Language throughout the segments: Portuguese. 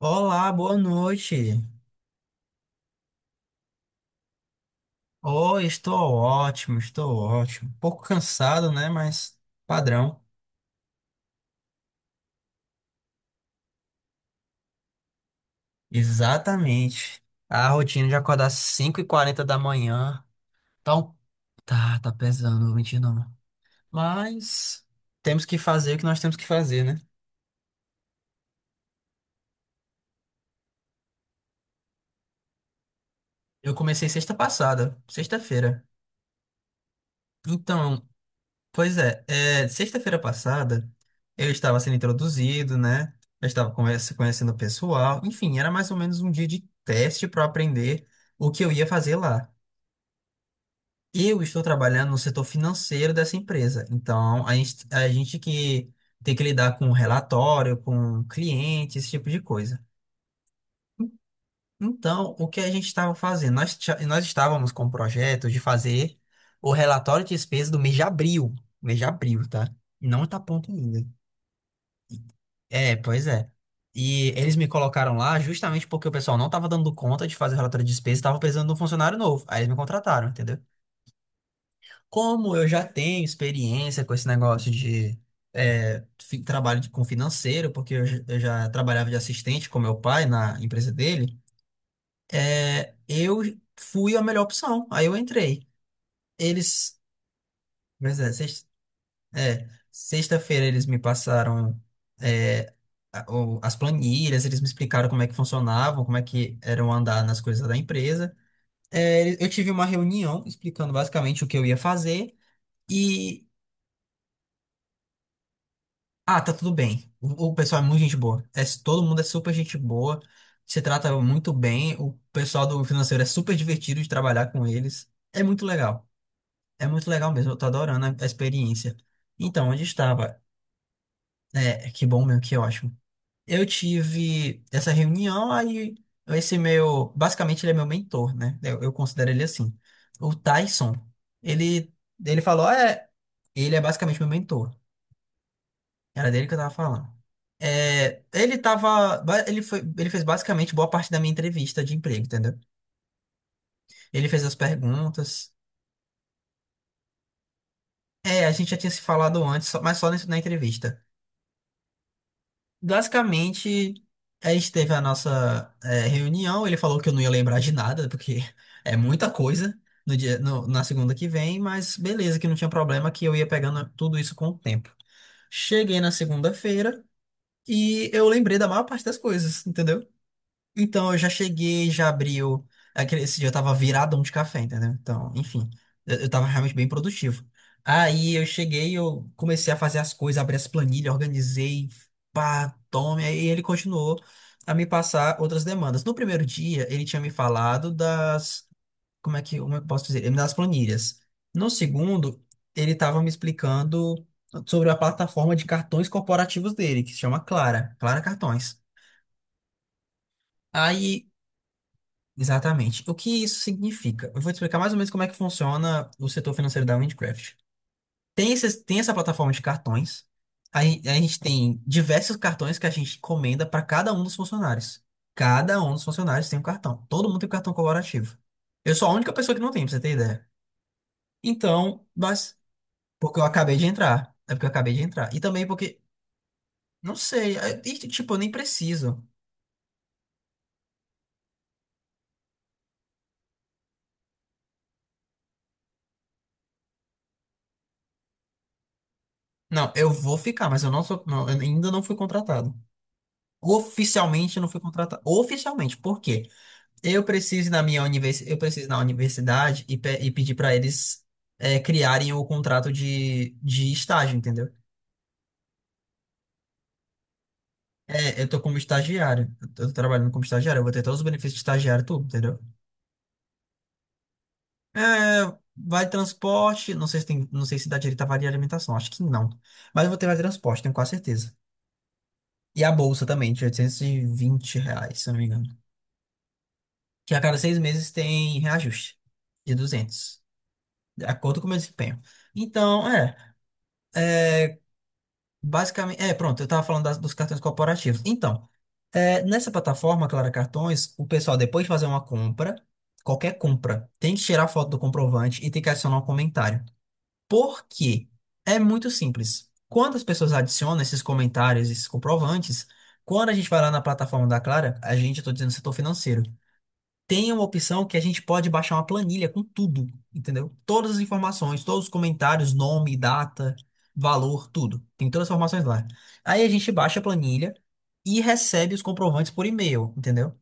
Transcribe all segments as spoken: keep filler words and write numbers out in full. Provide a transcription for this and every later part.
Olá, boa noite. Oh, estou ótimo, estou ótimo. Um pouco cansado, né? Mas padrão. Exatamente. A rotina de acordar às cinco e quarenta da manhã. Então, tá, tá pesando, não vou mentir não. Mas temos que fazer o que nós temos que fazer, né? Eu comecei sexta passada, sexta-feira. Então, pois é, é, sexta-feira passada eu estava sendo introduzido, né? Eu estava conversa- conhecendo o pessoal, enfim, era mais ou menos um dia de teste para aprender o que eu ia fazer lá. Eu estou trabalhando no setor financeiro dessa empresa, então a gente, a gente que tem que lidar com relatório, com cliente, esse tipo de coisa. Então, o que a gente estava fazendo? Nós, tia- nós estávamos com o projeto de fazer o relatório de despesa do mês de abril, mês de abril, tá? Não tá pronto ainda. É, pois é. E eles me colocaram lá justamente porque o pessoal não estava dando conta de fazer relatório de despesa, e estava precisando de um funcionário novo. Aí eles me contrataram, entendeu? Como eu já tenho experiência com esse negócio de é, fi- trabalho de- com financeiro, porque eu, j- eu já trabalhava de assistente com meu pai na empresa dele, é, eu fui a melhor opção. Aí eu entrei. Eles. Mas é, É, sexta-feira eles me passaram é, a- o- as planilhas, eles me explicaram como é que funcionavam, como é que eram andar nas coisas da empresa. É, eu tive uma reunião explicando basicamente o que eu ia fazer e, ah, tá tudo bem. O, o pessoal é muito gente boa. É, todo mundo é super gente boa, se trata muito bem. O pessoal do financeiro é super divertido de trabalhar com eles. É muito legal. É muito legal mesmo. Eu tô adorando a, a experiência. Então, onde estava? É, que bom mesmo, que ótimo. Eu tive essa reunião, aí esse meu, basicamente ele é meu mentor, né? Eu, eu considero ele assim. O Tyson, ele, ele falou, é, ele é basicamente meu mentor. Era dele que eu tava falando. É, ele tava, ba- ele foi, ele fez basicamente boa parte da minha entrevista de emprego, entendeu? Ele fez as perguntas. É, a gente já tinha se falado antes, só- mas só nesse- na entrevista. Basicamente, a gente teve a nossa eh, reunião. Ele falou que eu não ia lembrar de nada, porque é muita coisa no dia, no- na segunda que vem, mas beleza, que não tinha problema, que eu ia pegando tudo isso com o tempo. Cheguei na segunda-feira e eu lembrei da maior parte das coisas, entendeu? Então, eu já cheguei, já abriu. Aquele, esse dia eu tava viradão de café, entendeu? Então, enfim, eu, eu tava realmente bem produtivo. Aí eu cheguei, eu comecei a fazer as coisas, abri as planilhas, organizei, pá, tome. Aí ele continuou a me passar outras demandas. No primeiro dia, ele tinha me falado das. Como é que, como é que eu posso dizer? Ele me dá as planilhas. No segundo, ele tava me explicando sobre a plataforma de cartões corporativos dele, que se chama Clara, Clara Cartões. Aí exatamente. O que isso significa? Eu vou te explicar mais ou menos como é que funciona o setor financeiro da Windcraft. Tem, esses, tem essa plataforma de cartões. Aí a gente tem diversos cartões que a gente encomenda para cada um dos funcionários. Cada um dos funcionários tem um cartão. Todo mundo tem um cartão colaborativo. Eu sou a única pessoa que não tem, pra você ter ideia. Então, mas porque eu acabei de entrar. É porque eu acabei de entrar. E também porque, não sei, é- e, tipo, eu nem preciso. Não, eu vou ficar, mas eu não sou, não, eu ainda não fui contratado. Oficialmente eu não fui contratado. Oficialmente, por quê? Eu preciso ir na minha universidade, eu preciso ir na universidade e, pe- e pedir para eles é, criarem o contrato de, de estágio, entendeu? É, eu tô como estagiário, eu tô trabalhando como estagiário, eu vou ter todos os benefícios de estagiário, tudo, entendeu? É, vale transporte, não sei se tem, não sei se dá direito a vale alimentação, acho que não. Mas eu vou ter vale transporte, tenho quase certeza. E a bolsa também, de oitocentos e vinte reais, se eu não me engano. Que a cada seis meses tem reajuste de duzentos, de acordo com o meu desempenho. Então, é, basicamente, é, pronto, eu estava falando das- dos cartões corporativos. Então, é, nessa plataforma, Clara Cartões, o pessoal, depois de fazer uma compra, qualquer compra, tem que tirar foto do comprovante e tem que adicionar um comentário. Por quê? É muito simples. Quando as pessoas adicionam esses comentários, esses comprovantes, quando a gente vai lá na plataforma da Clara, a gente, eu tô dizendo setor financeiro, tem uma opção que a gente pode baixar uma planilha com tudo, entendeu? Todas as informações, todos os comentários, nome, data, valor, tudo. Tem todas as informações lá. Aí a gente baixa a planilha e recebe os comprovantes por e-mail, entendeu?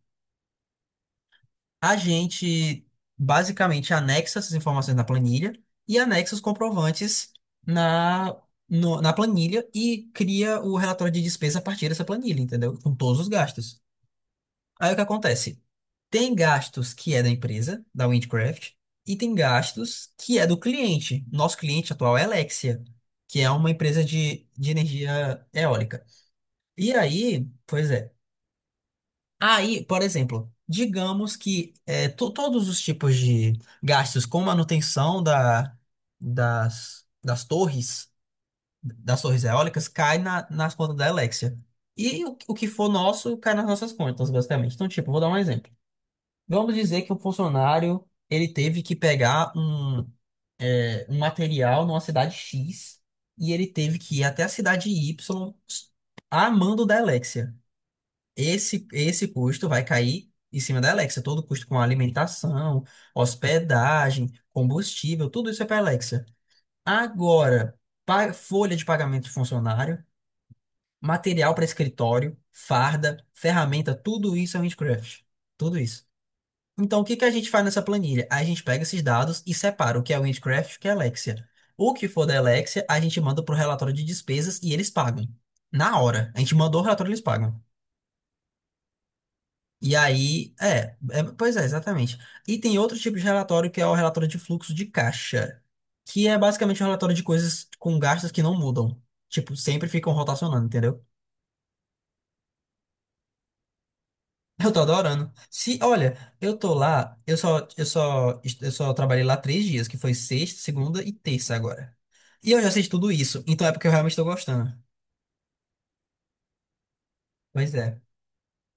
A gente basicamente anexa essas informações na planilha e anexa os comprovantes na, no- na planilha e cria o relatório de despesa a partir dessa planilha, entendeu? Com todos os gastos. Aí o que acontece? Tem gastos que é da empresa, da Windcraft, e tem gastos que é do cliente. Nosso cliente atual é a Alexia, que é uma empresa de, de energia eólica. E aí, pois é. Aí, por exemplo, digamos que é, to- todos os tipos de gastos com manutenção da, das, das torres, das torres eólicas, cai na, nas contas da Alexia. E o, o que for nosso cai nas nossas contas, basicamente. Então, tipo, vou dar um exemplo. Vamos dizer que o funcionário ele teve que pegar um, é, um material numa cidade X e ele teve que ir até a cidade Y a mando da Alexia. Esse, esse custo vai cair em cima da Alexia. Todo custo com alimentação, hospedagem, combustível, tudo isso é para a Alexia. Agora, pa- folha de pagamento de funcionário, material para escritório, farda, ferramenta, tudo isso é Windcraft. Tudo isso. Então, o que que a gente faz nessa planilha? A gente pega esses dados e separa o que é Windcraft e o que é Alexia. O que for da Alexia, a gente manda para o relatório de despesas e eles pagam. Na hora. A gente mandou o relatório, e eles pagam. E aí, é, é, pois é, exatamente. E tem outro tipo de relatório que é o relatório de fluxo de caixa, que é basicamente um relatório de coisas com gastos que não mudam. Tipo, sempre ficam rotacionando, entendeu? Eu tô adorando. Se, olha, eu tô lá, eu só, eu só, eu só trabalhei lá três dias, que foi sexta, segunda e terça agora. E eu já sei de tudo isso, então é porque eu realmente tô gostando. Pois é,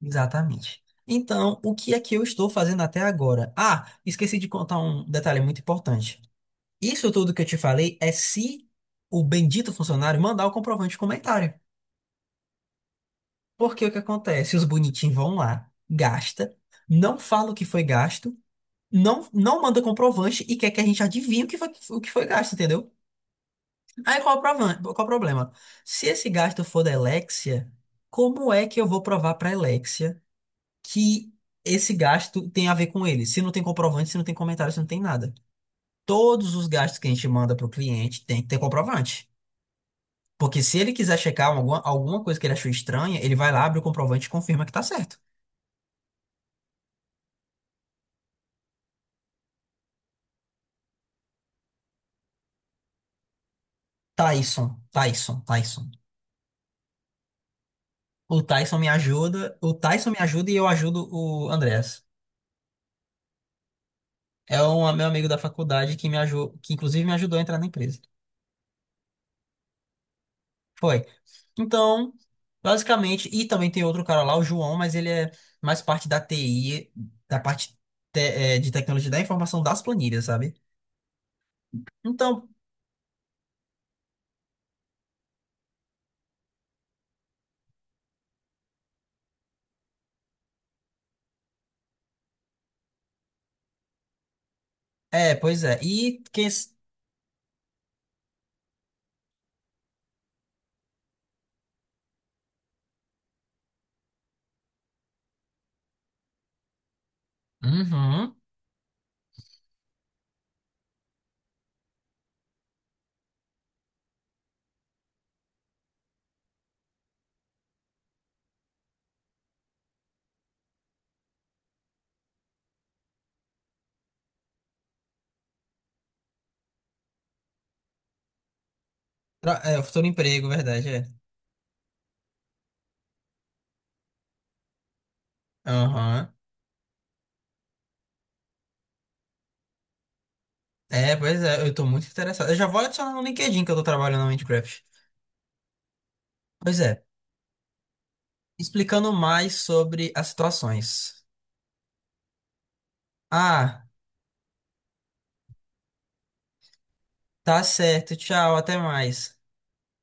exatamente. Então, o que é que eu estou fazendo até agora? Ah, esqueci de contar um detalhe muito importante. Isso tudo que eu te falei é se o bendito funcionário mandar o comprovante de comentário. Porque o que acontece? Os bonitinhos vão lá, gasta, não fala o que foi gasto. Não, não manda comprovante e quer que a gente adivinhe o que foi, o que foi gasto, entendeu? Aí qual é o provan- qual é o problema? Se esse gasto for da Alexia, como é que eu vou provar para Alexia que esse gasto tem a ver com ele? Se não tem comprovante, se não tem comentário, se não tem nada. Todos os gastos que a gente manda para o cliente tem que ter comprovante. Porque se ele quiser checar alguma, alguma coisa que ele achou estranha, ele vai lá, abre o comprovante e confirma que tá certo. Tyson, Tyson, Tyson. O Tyson me ajuda, o Tyson me ajuda e eu ajudo o Andrés. É um é meu amigo da faculdade que me ajudou, que inclusive me ajudou a entrar na empresa. Foi. Então, basicamente, e também tem outro cara lá, o João, mas ele é mais parte da T I, da parte te- eh, de tecnologia da informação das planilhas, sabe? Então, é, pois é. E quem. s- Uhum. Tra- É, o futuro emprego, verdade, é. Aham. É, pois é, eu tô muito interessado. Eu já vou adicionar no LinkedIn que eu tô trabalhando no Minecraft. Pois é. Explicando mais sobre as situações. Ah. Tá certo, tchau, até mais.